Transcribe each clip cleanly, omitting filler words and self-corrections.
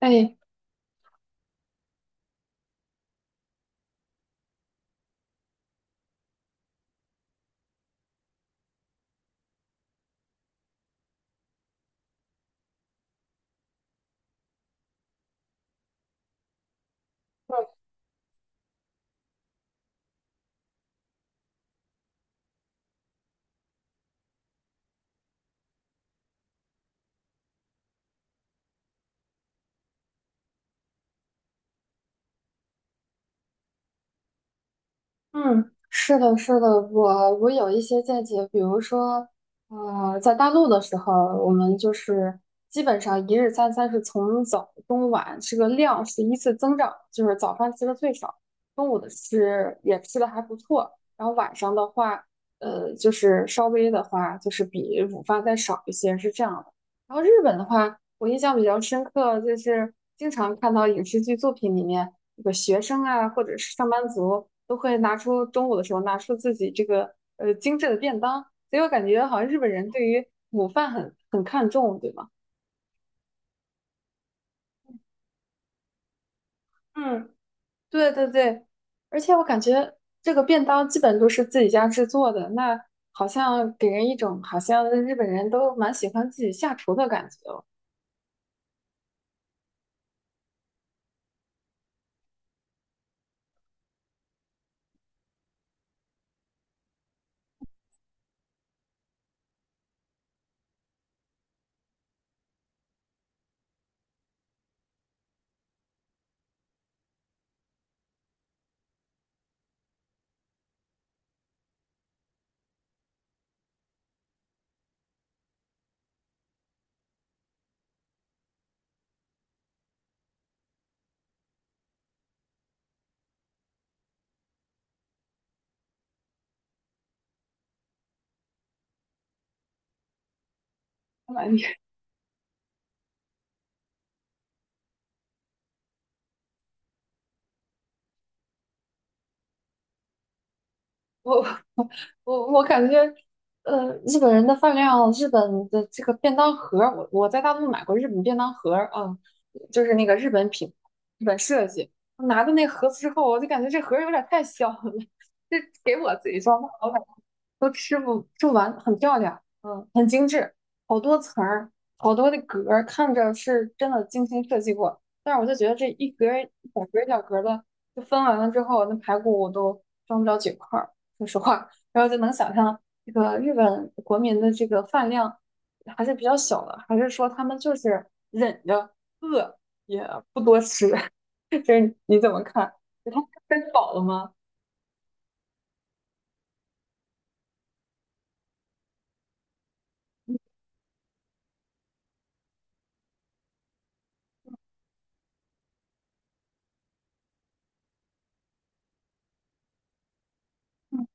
哎，嗯，是的，是的，我有一些见解，比如说，在大陆的时候，我们就是基本上一日三餐是从早中晚这个量是依次增长，就是早饭吃的最少，中午的吃也吃的还不错，然后晚上的话，就是稍微的话就是比午饭再少一些，是这样的。然后日本的话，我印象比较深刻，就是经常看到影视剧作品里面。这个学生啊，或者是上班族，都会拿出中午的时候拿出自己这个精致的便当，所以我感觉好像日本人对于午饭很看重，对吗？嗯，对对对，而且我感觉这个便当基本都是自己家制作的，那好像给人一种好像日本人都蛮喜欢自己下厨的感觉哦。我我感觉，日本人的饭量，日本的这个便当盒儿，我在大陆买过日本便当盒儿啊，就是那个日本品，日本设计。我拿到那盒子之后，我就感觉这盒儿有点太小了，这给我自己装的，我感觉都吃不完，很漂亮，嗯，很精致，好多层儿，好多的格儿，看着是真的精心设计过。但是我就觉得这一格儿一小格儿的，就分完了之后，那排骨我都装不了几块儿。说实话，然后就能想象这个日本国民的这个饭量还是比较小的，还是说他们就是忍着饿也不多吃？就是你怎么看？就他们吃饱了吗？嗯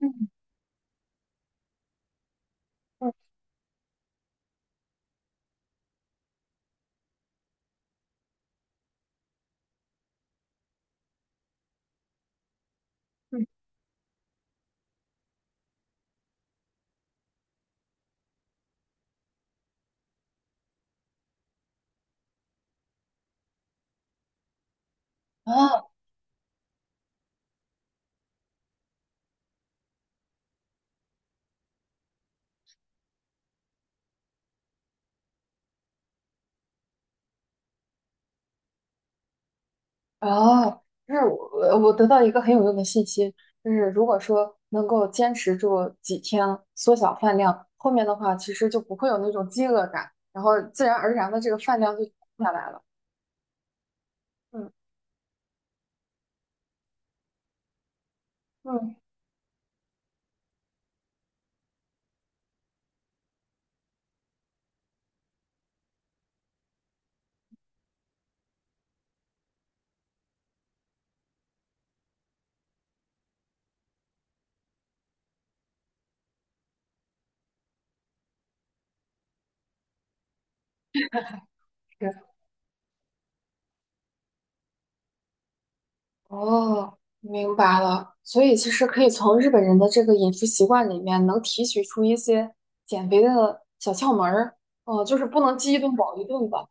嗯嗯嗯啊，哦，就是我得到一个很有用的信息，就是如果说能够坚持住几天，缩小饭量，后面的话其实就不会有那种饥饿感，然后自然而然的这个饭量就下来了。嗯嗯，是哦，明白了。所以其实可以从日本人的这个饮食习惯里面，能提取出一些减肥的小窍门儿。哦，就是不能饥一顿饱一顿吧。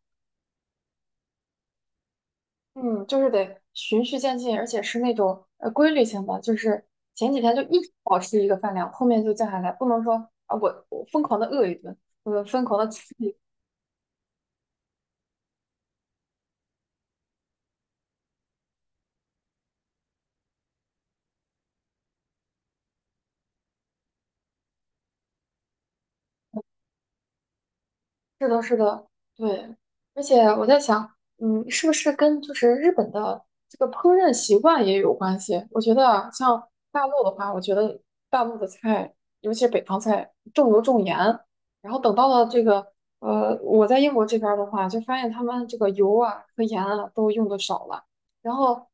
嗯，就是得循序渐进，而且是那种规律性的，就是前几天就一直保持一个饭量，后面就降下来，不能说啊我疯狂的饿一顿，我疯狂的吃。是的，是的，对，而且我在想，嗯，是不是跟就是日本的这个烹饪习惯也有关系？我觉得啊，像大陆的话，我觉得大陆的菜，尤其是北方菜，重油重盐。然后等到了这个，我在英国这边儿的话，就发现他们这个油啊和盐啊都用的少了，然后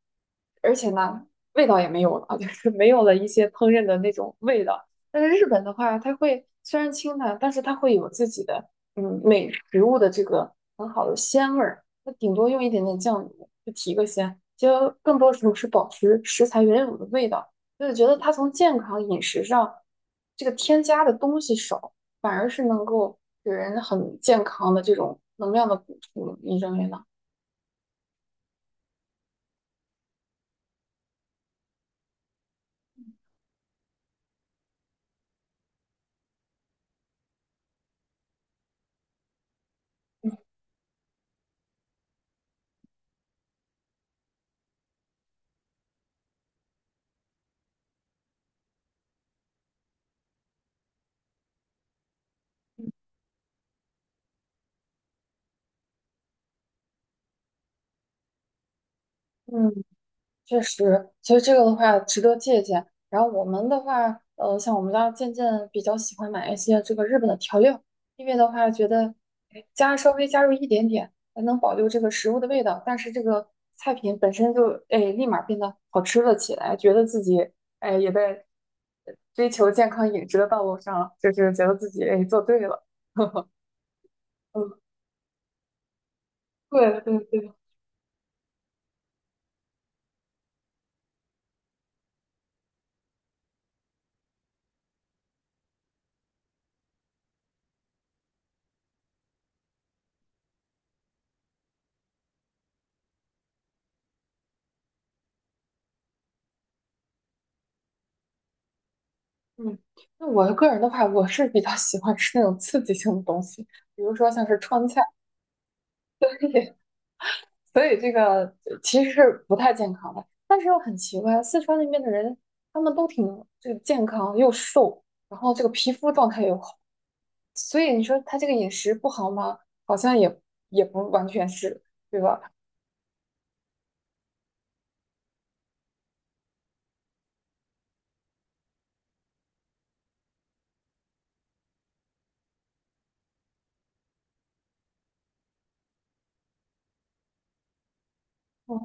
而且呢，味道也没有了，就是没有了一些烹饪的那种味道。但是日本的话，它会虽然清淡，但是它会有自己的。嗯，美食物的这个很好的鲜味儿，它顶多用一点点酱油就提个鲜，其实更多时候是保持食材原有的味道。就是觉得它从健康饮食上，这个添加的东西少，反而是能够给人很健康的这种能量的补充。你认为呢？嗯。确实，其实这个的话值得借鉴。然后我们的话，像我们家渐渐比较喜欢买一些这个日本的调料，因为的话觉得哎加稍微加入一点点，还能保留这个食物的味道，但是这个菜品本身就哎立马变得好吃了起来，觉得自己哎也在追求健康饮食的道路上了，就是觉得自己哎做对了。嗯，对对对，嗯，那我个人的话，我是比较喜欢吃那种刺激性的东西，比如说像是川菜。所以这个其实是不太健康的。但是又很奇怪，四川那边的人他们都挺这个健康又瘦，然后这个皮肤状态又好，所以你说他这个饮食不好吗？好像也也不完全是，对吧？嗯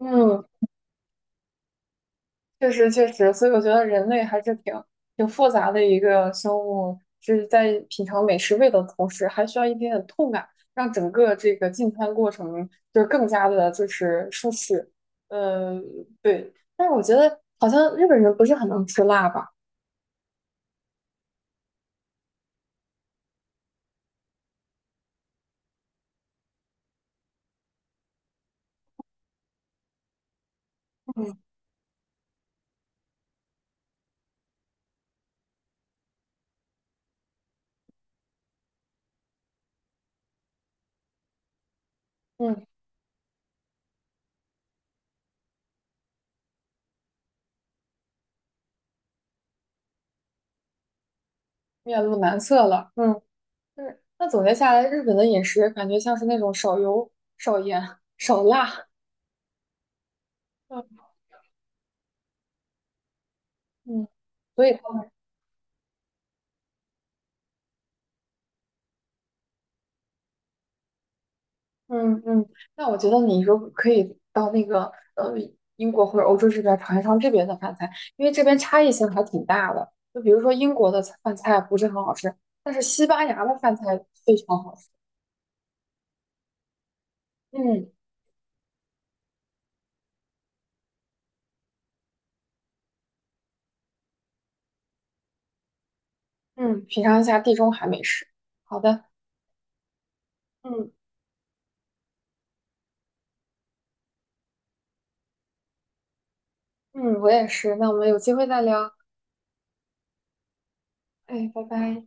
嗯，确实确实，所以我觉得人类还是挺复杂的一个生物，是在品尝美食味的同时，还需要一点点痛感，让整个这个进餐过程就是更加的就是舒适。呃，对，但是我觉得好像日本人不是很能吃辣吧？嗯，嗯，面露难色了。嗯，就是。那总结下来，日本的饮食感觉像是那种少油、少盐、少辣。嗯嗯，所以嗯嗯，那我觉得你如果可以到那个呃英国或者欧洲这边儿尝一尝这边的饭菜，因为这边差异性还挺大的。就比如说英国的菜饭菜不是很好吃，但是西班牙的饭菜非常好吃。嗯嗯，品尝一下地中海美食。好的，嗯嗯，我也是。那我们有机会再聊。哎，拜拜。